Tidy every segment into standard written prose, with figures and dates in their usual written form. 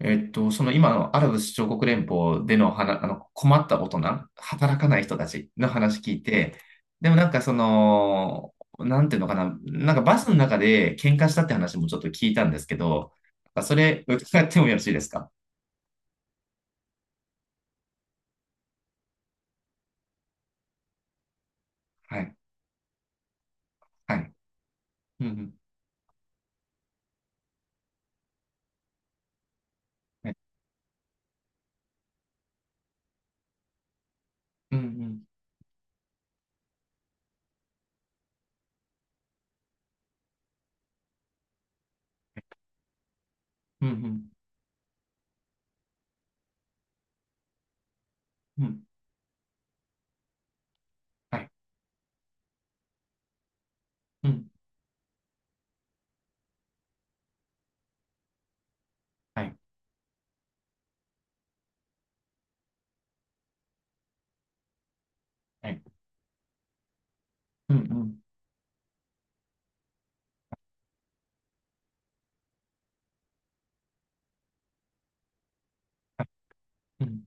その今のアラブ首長国連邦でのあの困った大人、働かない人たちの話聞いて、でもなんかその、なんていうのかな、なんかバスの中で喧嘩したって話もちょっと聞いたんですけど、なんかそれ伺ってもよろしいですか？はい。はい。うんうん。はい。うんうん。うんうん。うん。はい。うん。はい。はい。うんうんうん。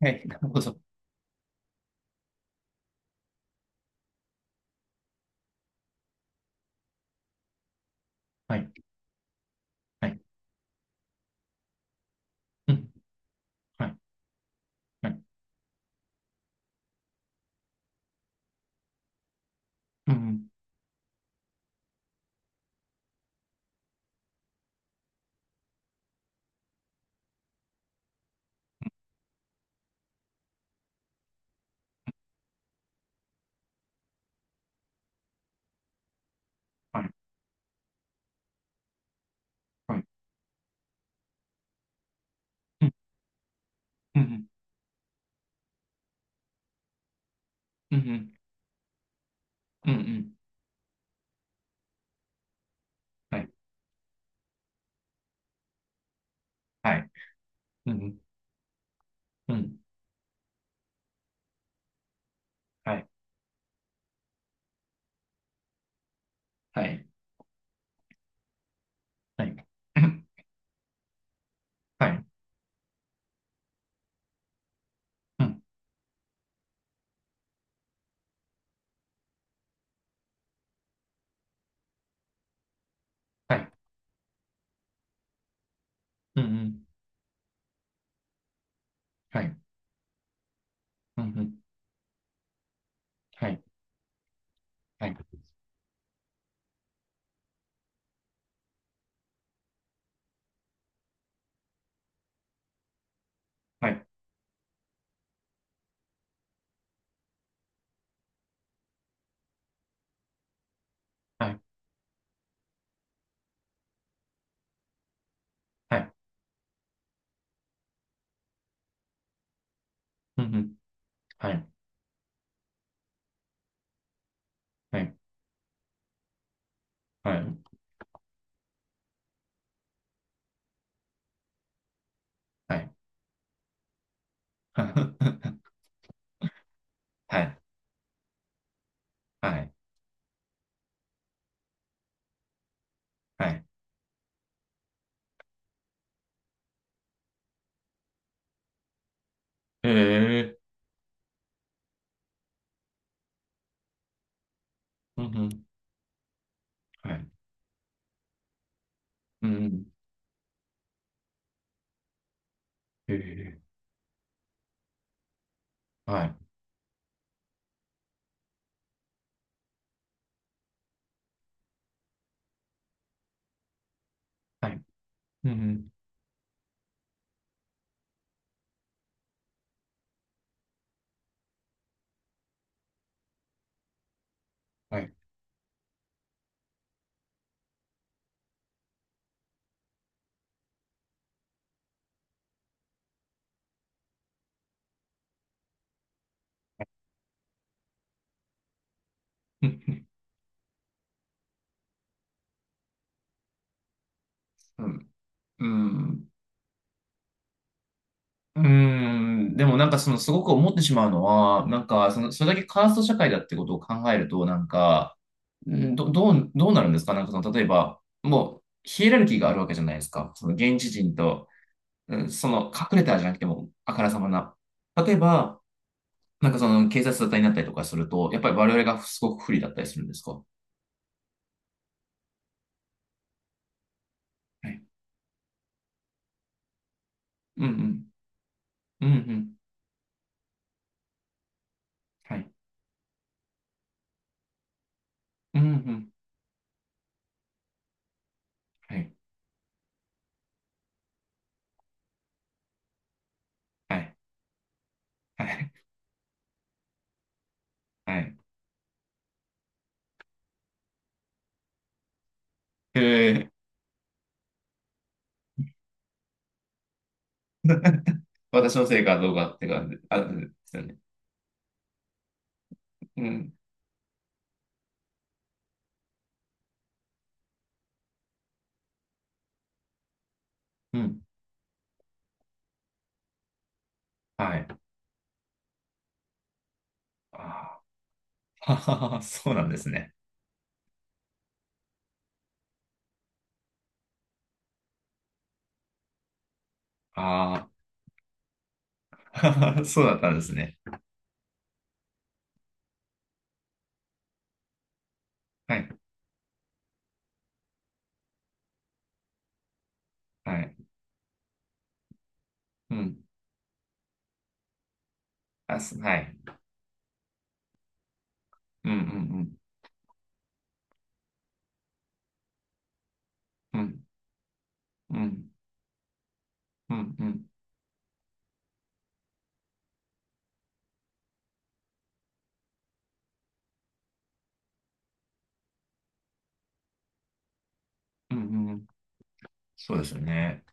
はい。なるほど。はい。はい。うん。はい。はい。うんうん。はい。はい。うんうん。うんうん。うんうん。はいはい。うん。うん。はい。はい。はい。はい。うん。はい。うん。うん。はい。うん。うん。はい。はい。はい。はい。はい。うん。うん。はい。はい。はい。はい。はい。はい。はい。へえ。うん。うん。はい。うんうん。へえ。はい。はい。うん。うん。はい。うん。うん。うん。うーん、でもなんかそのすごく思ってしまうのは、なんかその、それだけカースト社会だってことを考えると、なんか、うん、どうなるんですか。なんかその、例えば、もう、ヒエラルキーがあるわけじゃないですか。その現地人と、うん、その隠れたじゃなくても、あからさまな。例えば、なんかその警察沙汰になったりとかすると、やっぱり我々がすごく不利だったりするんですか？はい。うんうん。うんうん。はい。うんうん。はい。はい。はい。はい。へえ。私のせいかどうかって感じ、あ、ですよね。うん。うん。はい。ああ、そうなんですね。ああ、そうだったんですね。はい。はい。うん。あ、はい。うん、うん、うん。うん、うん、うん、うん、うん。うん。そうですよね。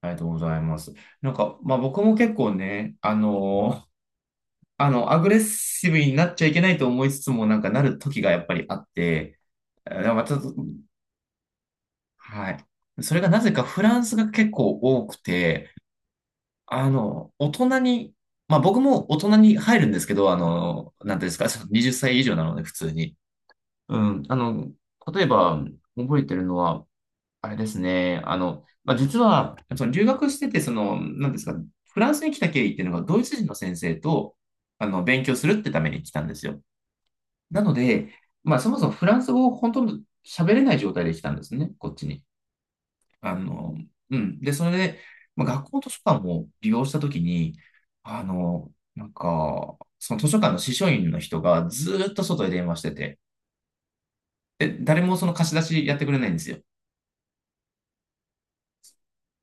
ありがとうございます。なんか、まあ僕も結構ね、アグレッシブになっちゃいけないと思いつつも、なんかなる時がやっぱりあって、まあちょっと、はい。それがなぜかフランスが結構多くて、大人に、まあ僕も大人に入るんですけど、なんていうんですか、その20歳以上なので普通に。うん、例えば覚えてるのは、あれですね、まあ実は、その留学してて、その、なんていうんですか、フランスに来た経緯っていうのがドイツ人の先生と、勉強するってために来たんですよ。なので、まあそもそもフランス語を本当に喋れない状態で来たんですね、こっちに。あの、うん。で、それで、まあ、学校図書館を利用したときに、なんか、その図書館の司書員の人がずーっと外で電話してて、で、誰もその貸し出しやってくれないんですよ。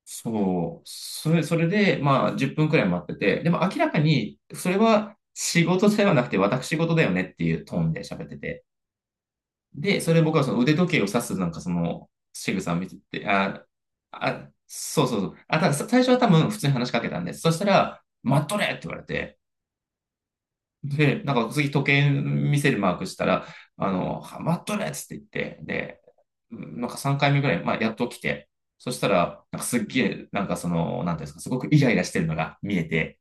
そう。それで、まあ、10分くらい待ってて、でも明らかに、それは仕事ではなくて私事だよねっていうトーンで喋ってて、で、それ僕はその腕時計を指すなんかその仕草を見てて、そうそうそう。あ、たださ最初は多分普通に話しかけたんです。そしたら、待っとれって言われて、で、なんか次時計見せるマークしたら、待っとれっつって言って、で、うん、なんか3回目ぐらい、まあやっと来て、そしたら、なんかすっげえ、なんかその、なんていうんですか、すごくイライラしてるのが見えて、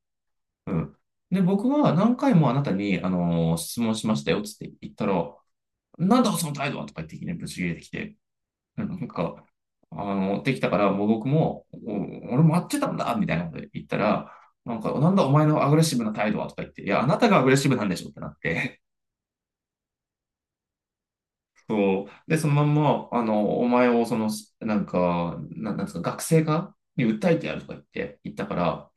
うん。で、僕は何回もあなたに、質問しましたよっつって言ったら、なんだその態度はとか言っていきなりぶち切れてきて、なんか、できたから、もう僕も、俺も会ってたんだ、みたいなこと言ったら、なんか、なんだお前のアグレッシブな態度はとか言って、いや、あなたがアグレッシブなんでしょってなって、そう。で、そのまんま、お前を、その、なんか、なんなんですか、学生化に訴えてやるとか言って、言ったから、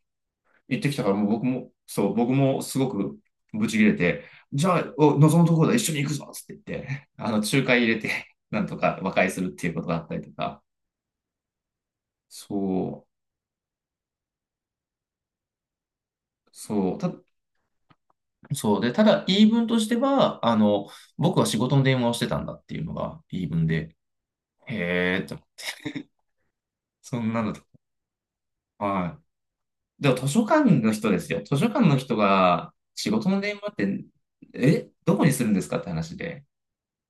言ってきたから、もう僕も、そう、僕もすごくブチ切れて、じゃあ、お望むところだ、一緒に行くぞつって言って、仲介入れて、なんとか和解するっていうことがあったりとか、そう。そう。そうで、ただ言い分としては、僕は仕事の電話をしてたんだっていうのが言い分で、へえと、そんなのと、はい。でも図書館の人ですよ。図書館の人が仕事の電話って、え、どこにするんですかって話で、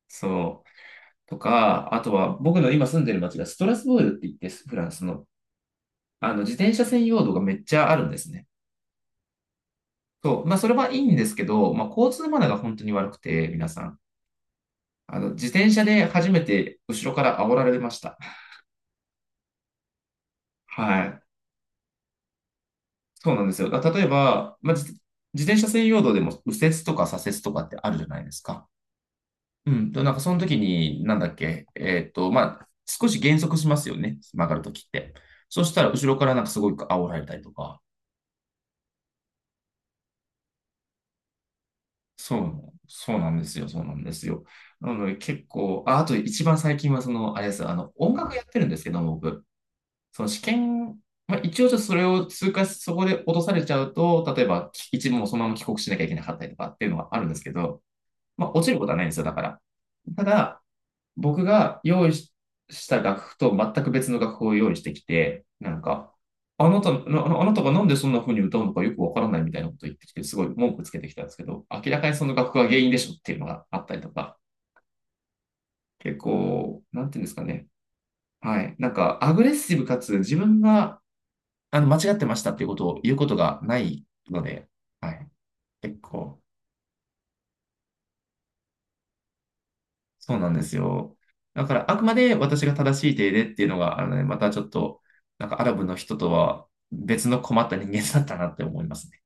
そう。とか、あとは僕の今住んでる町がストラスブールって言って、フランスの、自転車専用道がめっちゃあるんですね。そう。まあ、それはいいんですけど、まあ、交通マナーが本当に悪くて、皆さん。自転車で初めて後ろから煽られました。はい。そうなんですよ。例えば、まあ、自転車専用道でも右折とか左折とかってあるじゃないですか。うん。と、なんかその時に、なんだっけ、まあ、少し減速しますよね。曲がる時って。そしたら、後ろからなんかすごい煽られたりとか。そう、そうなんですよ。そうなんですよ。なので結構、あ、あと一番最近はその、あれです。音楽やってるんですけど、僕。その試験、まあ、一応ちょっとそれを通過し、そこで落とされちゃうと、例えば一部もそのまま帰国しなきゃいけなかったりとかっていうのはあるんですけど、まあ、落ちることはないんですよ、だから。ただ、僕が用意した楽譜と全く別の楽譜を用意してきて、なんか、あなた、なあのあなたがなんでそんな風に歌うのかよくわからないみたいなこと言ってきて、すごい文句つけてきたんですけど、明らかにその楽譜が原因でしょっていうのがあったりとか、結構、なんていうんですかね。はい。なんか、アグレッシブかつ自分が間違ってましたっていうことを言うことがないので、はい。結構、そうなんですよ。だから、あくまで私が正しい手でっていうのが、あのね、またちょっと、なんかアラブの人とは別の困った人間だったなって思いますね。